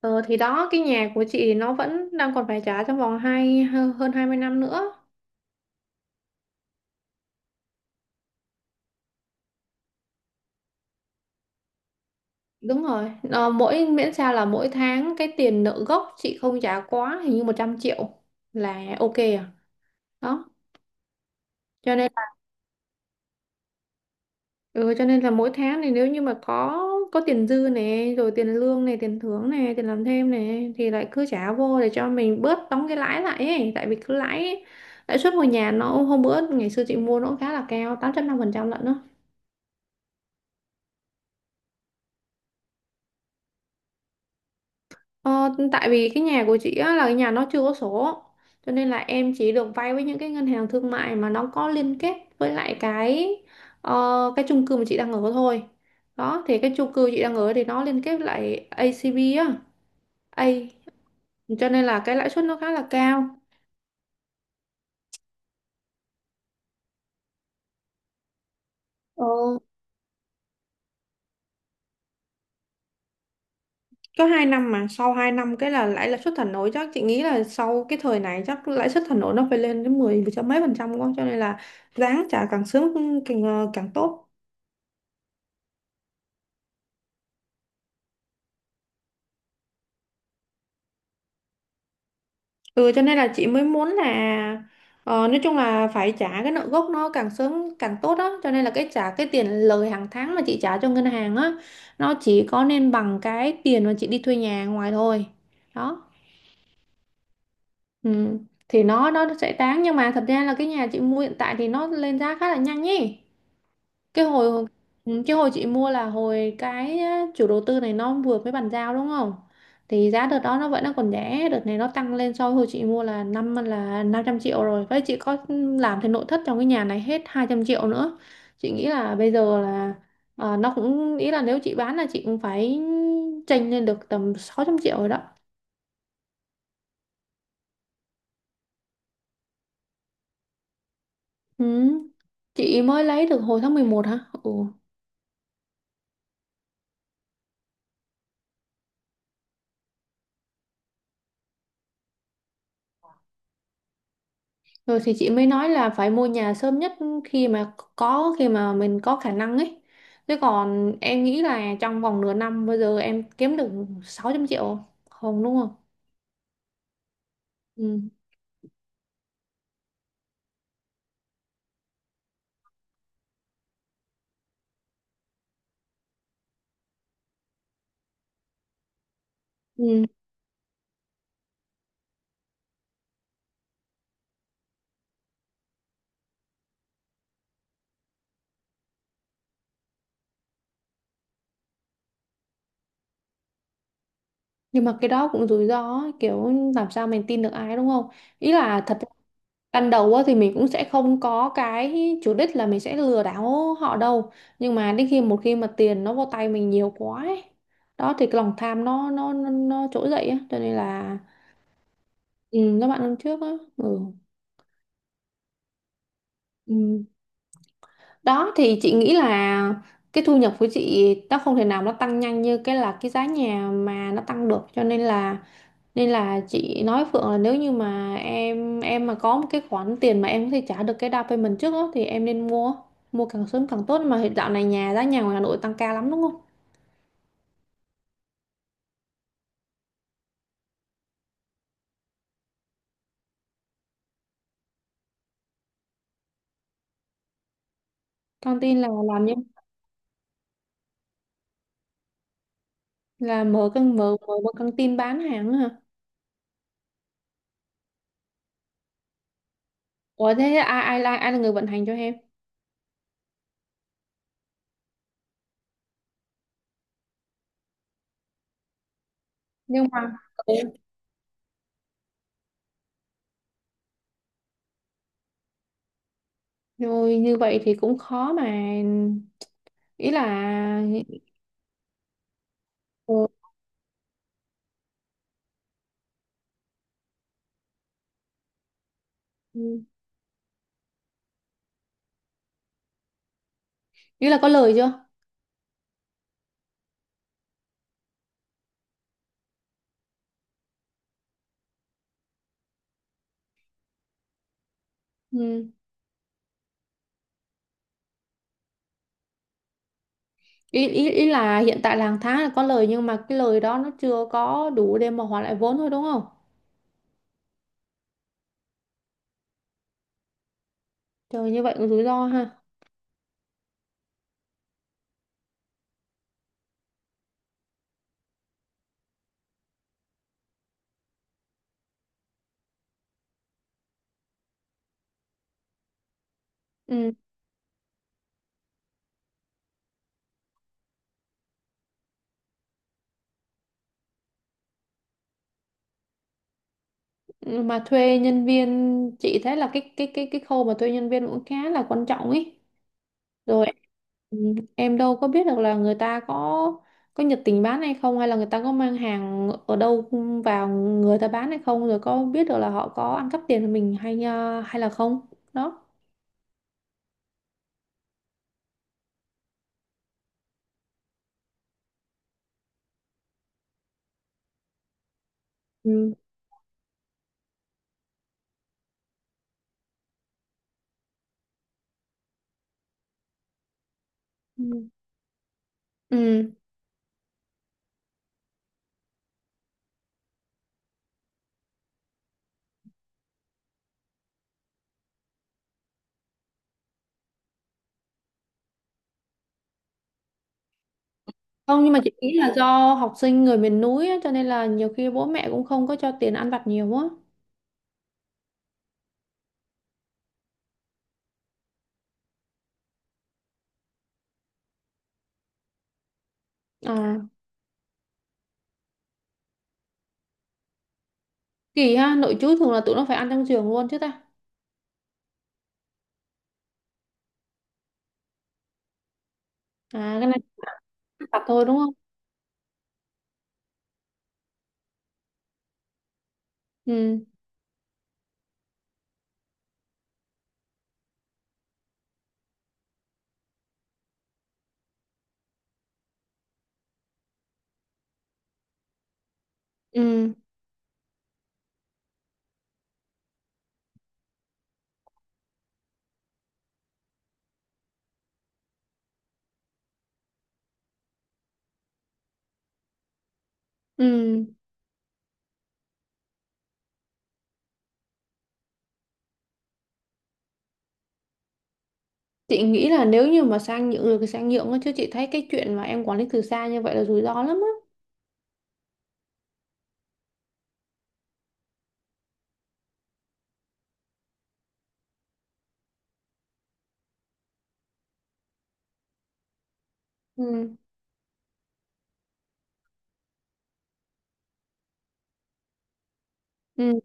Ờ, thì đó cái nhà của chị nó vẫn đang còn phải trả trong vòng hơn 20 năm nữa. Đúng rồi. Ờ, mỗi miễn sao là mỗi tháng cái tiền nợ gốc chị không trả quá hình như 100 triệu là ok à. Đó. Cho nên là, ừ, cho nên là mỗi tháng thì nếu như mà có tiền dư này rồi tiền lương này, tiền thưởng này, tiền làm thêm này thì lại cứ trả vô để cho mình bớt đóng cái lãi lại ấy, tại vì cứ lãi lãi suất ngôi nhà nó hôm bữa ngày xưa chị mua nó cũng khá là cao, 8,5% lận đó. Ờ, tại vì cái nhà của chị á, là cái nhà nó chưa có sổ cho nên là em chỉ được vay với những cái ngân hàng thương mại mà nó có liên kết với lại cái ờ, cái chung cư mà chị đang ở thôi. Đó thì cái chung cư chị đang ở thì nó liên kết với lại ACB á, A, cho nên là cái lãi suất nó khá là cao. Ờ, có 2 năm mà sau 2 năm cái là lãi lãi suất thả nổi, chắc chị nghĩ là sau cái thời này chắc lãi suất thả nổi nó phải lên đến 10 mười mấy phần trăm quá, cho nên là ráng trả càng sớm càng càng tốt. Ừ, cho nên là chị mới muốn là ờ, nói chung là phải trả cái nợ gốc nó càng sớm càng tốt á, cho nên là cái trả cái tiền lời hàng tháng mà chị trả cho ngân hàng á, nó chỉ có nên bằng cái tiền mà chị đi thuê nhà ngoài thôi. Đó, ừ, thì nó sẽ đáng, nhưng mà thật ra là cái nhà chị mua hiện tại thì nó lên giá khá là nhanh nhỉ. Cái hồi ừ, cái hồi chị mua là hồi cái á, chủ đầu tư này nó vừa mới bàn giao đúng không, thì giá đợt đó nó vẫn còn rẻ, đợt này nó tăng lên so với hồi chị mua là 500 triệu rồi, với chị có làm thì nội thất trong cái nhà này hết 200 triệu nữa. Chị nghĩ là bây giờ là ờ, nó cũng ý là nếu chị bán là chị cũng phải chênh lên được tầm 600 triệu rồi đó. Ừ, chị mới lấy được hồi tháng 11 hả. Ừ. Rồi thì chị mới nói là phải mua nhà sớm nhất khi mà có khi mà mình có khả năng ấy. Thế còn em nghĩ là trong vòng nửa năm bây giờ em kiếm được 600 triệu không, đúng không? Ừ. Ừ. Nhưng mà cái đó cũng rủi ro ấy, kiểu làm sao mình tin được ai đúng không? Ý là thật ra ban đầu á, thì mình cũng sẽ không có cái chủ đích là mình sẽ lừa đảo họ đâu. Nhưng mà đến khi một khi mà tiền nó vô tay mình nhiều quá ấy, đó thì cái lòng tham nó trỗi dậy á, cho nên là ừ, các bạn năm trước á, ừ. Ừ. Đó thì chị nghĩ là cái thu nhập của chị nó không thể nào nó tăng nhanh như cái là cái giá nhà mà nó tăng được, cho nên là chị nói với Phượng là nếu như mà em mà có một cái khoản tiền mà em có thể trả được cái down payment trước á thì em nên mua mua càng sớm càng tốt. Mà hiện dạo này nhà giá nhà ngoài Hà Nội tăng cao lắm đúng không? Căng tin là làm như là mở một căng tin bán hàng á hả? Ủa thế ai ai ai là người vận hành cho em? Nhưng mà ừ, rồi như vậy thì cũng khó mà, ý là ừ, ý là có lời chưa? Ừ. Ý, ý ý là hiện tại là hàng tháng là có lời nhưng mà cái lời đó nó chưa có đủ để mà hoàn lại vốn thôi đúng không? Trời, như vậy cũng rủi ro ha. Ừ. Mà thuê nhân viên, chị thấy là cái khâu mà thuê nhân viên cũng khá là quan trọng ý. Rồi, ừ, em đâu có biết được là người ta có nhiệt tình bán hay không, hay là người ta có mang hàng ở đâu vào người ta bán hay không, rồi có biết được là họ có ăn cắp tiền của mình hay hay là không. Đó. Ừ. Ừ. Ừ. Không, nhưng mà chị nghĩ là do học sinh người miền núi á, cho nên là nhiều khi bố mẹ cũng không có cho tiền ăn vặt nhiều quá. À, kỳ ha, nội trú thường là tụi nó phải ăn trong trường luôn chứ ta. À, cái này vặt thôi đúng không. Ừ. Ừ. Ừ. Chị nghĩ là nếu như mà sang nhượng được thì sang nhượng á, chứ chị thấy cái chuyện mà em quản lý từ xa như vậy là rủi ro lắm á. Ừ. Ừ.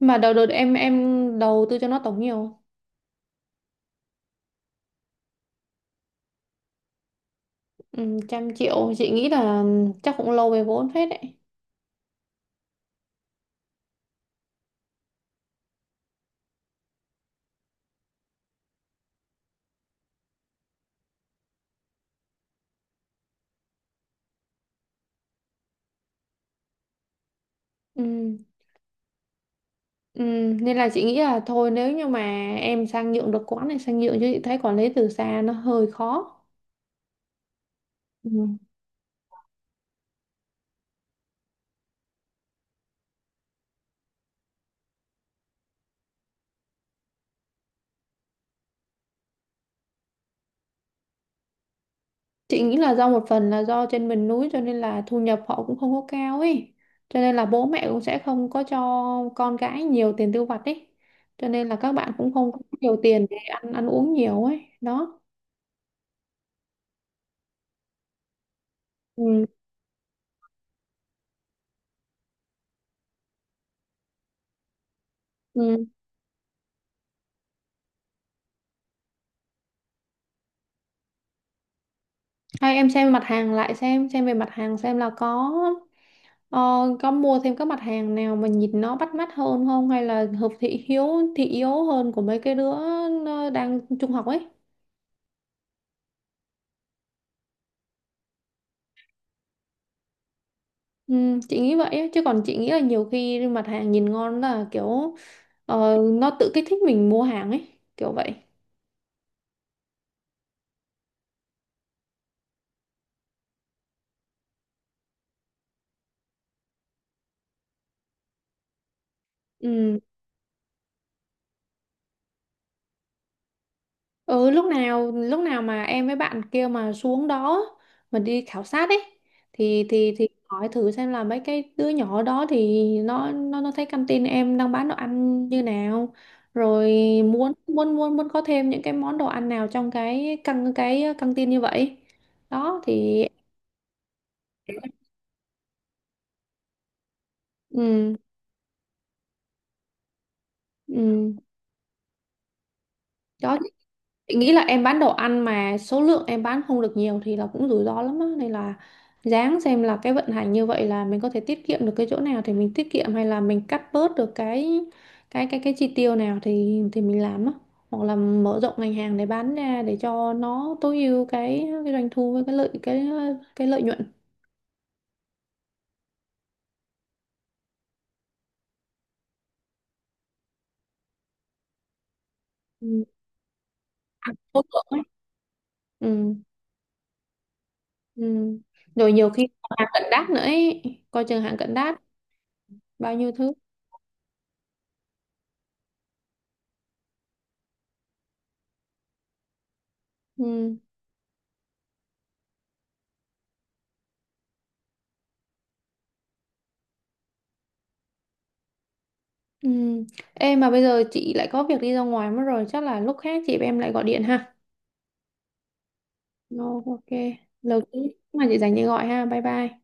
Mà đầu đợt em đầu tư cho nó tổng nhiều không? Ừ, trăm triệu chị nghĩ là ừ, chắc cũng lâu về vốn phết đấy. Ừ. Ừ. Nên là chị nghĩ là thôi, nếu như mà em sang nhượng được quán này sang nhượng, chứ chị thấy quản lý từ xa nó hơi khó. Ừ. Chị nghĩ là do một phần là do trên miền núi cho nên là thu nhập họ cũng không có cao ấy. Cho nên là bố mẹ cũng sẽ không có cho con cái nhiều tiền tiêu vặt ấy. Cho nên là các bạn cũng không có nhiều tiền để ăn ăn uống nhiều ấy. Đó. Ừ. Ừ. Hay em xem mặt hàng lại, xem về mặt hàng, xem là có ờ, có mua thêm các mặt hàng nào mà nhìn nó bắt mắt hơn không, hay là hợp thị hiếu thị yếu hơn của mấy cái đứa ờ, đang trung học ấy. Ừ, chị nghĩ vậy á. Chứ còn chị nghĩ là nhiều khi mặt hàng nhìn ngon là kiểu ờ, nó tự kích thích mình mua hàng ấy kiểu vậy. Ừ. Ừ, lúc nào mà em với bạn kia mà xuống đó mà đi khảo sát ấy, thì hỏi thử xem là mấy cái đứa nhỏ đó thì nó thấy căng tin em đang bán đồ ăn như nào, rồi muốn muốn muốn muốn có thêm những cái món đồ ăn nào trong cái căng tin như vậy. Đó thì ừ, ừ. Đó. Chị nghĩ là em bán đồ ăn mà số lượng em bán không được nhiều thì là cũng rủi ro lắm á, nên là ráng xem là cái vận hành như vậy là mình có thể tiết kiệm được cái chỗ nào thì mình tiết kiệm, hay là mình cắt bớt được cái chi tiêu nào thì mình làm á, hoặc là mở rộng ngành hàng để bán ra để cho nó tối ưu cái doanh thu với cái lợi nhuận. Ừ. À, số lượng ấy. Ừ. Ừ. Rồi nhiều khi còn hàng cận đát nữa ấy. Coi chừng hàng cận đát, bao nhiêu thứ. Ừ. Ừ. Ê, mà bây giờ chị lại có việc đi ra ngoài mất rồi, chắc là lúc khác chị em lại gọi điện ha. No, ok. Lâu chứ mà chị dành chị gọi ha. Bye bye.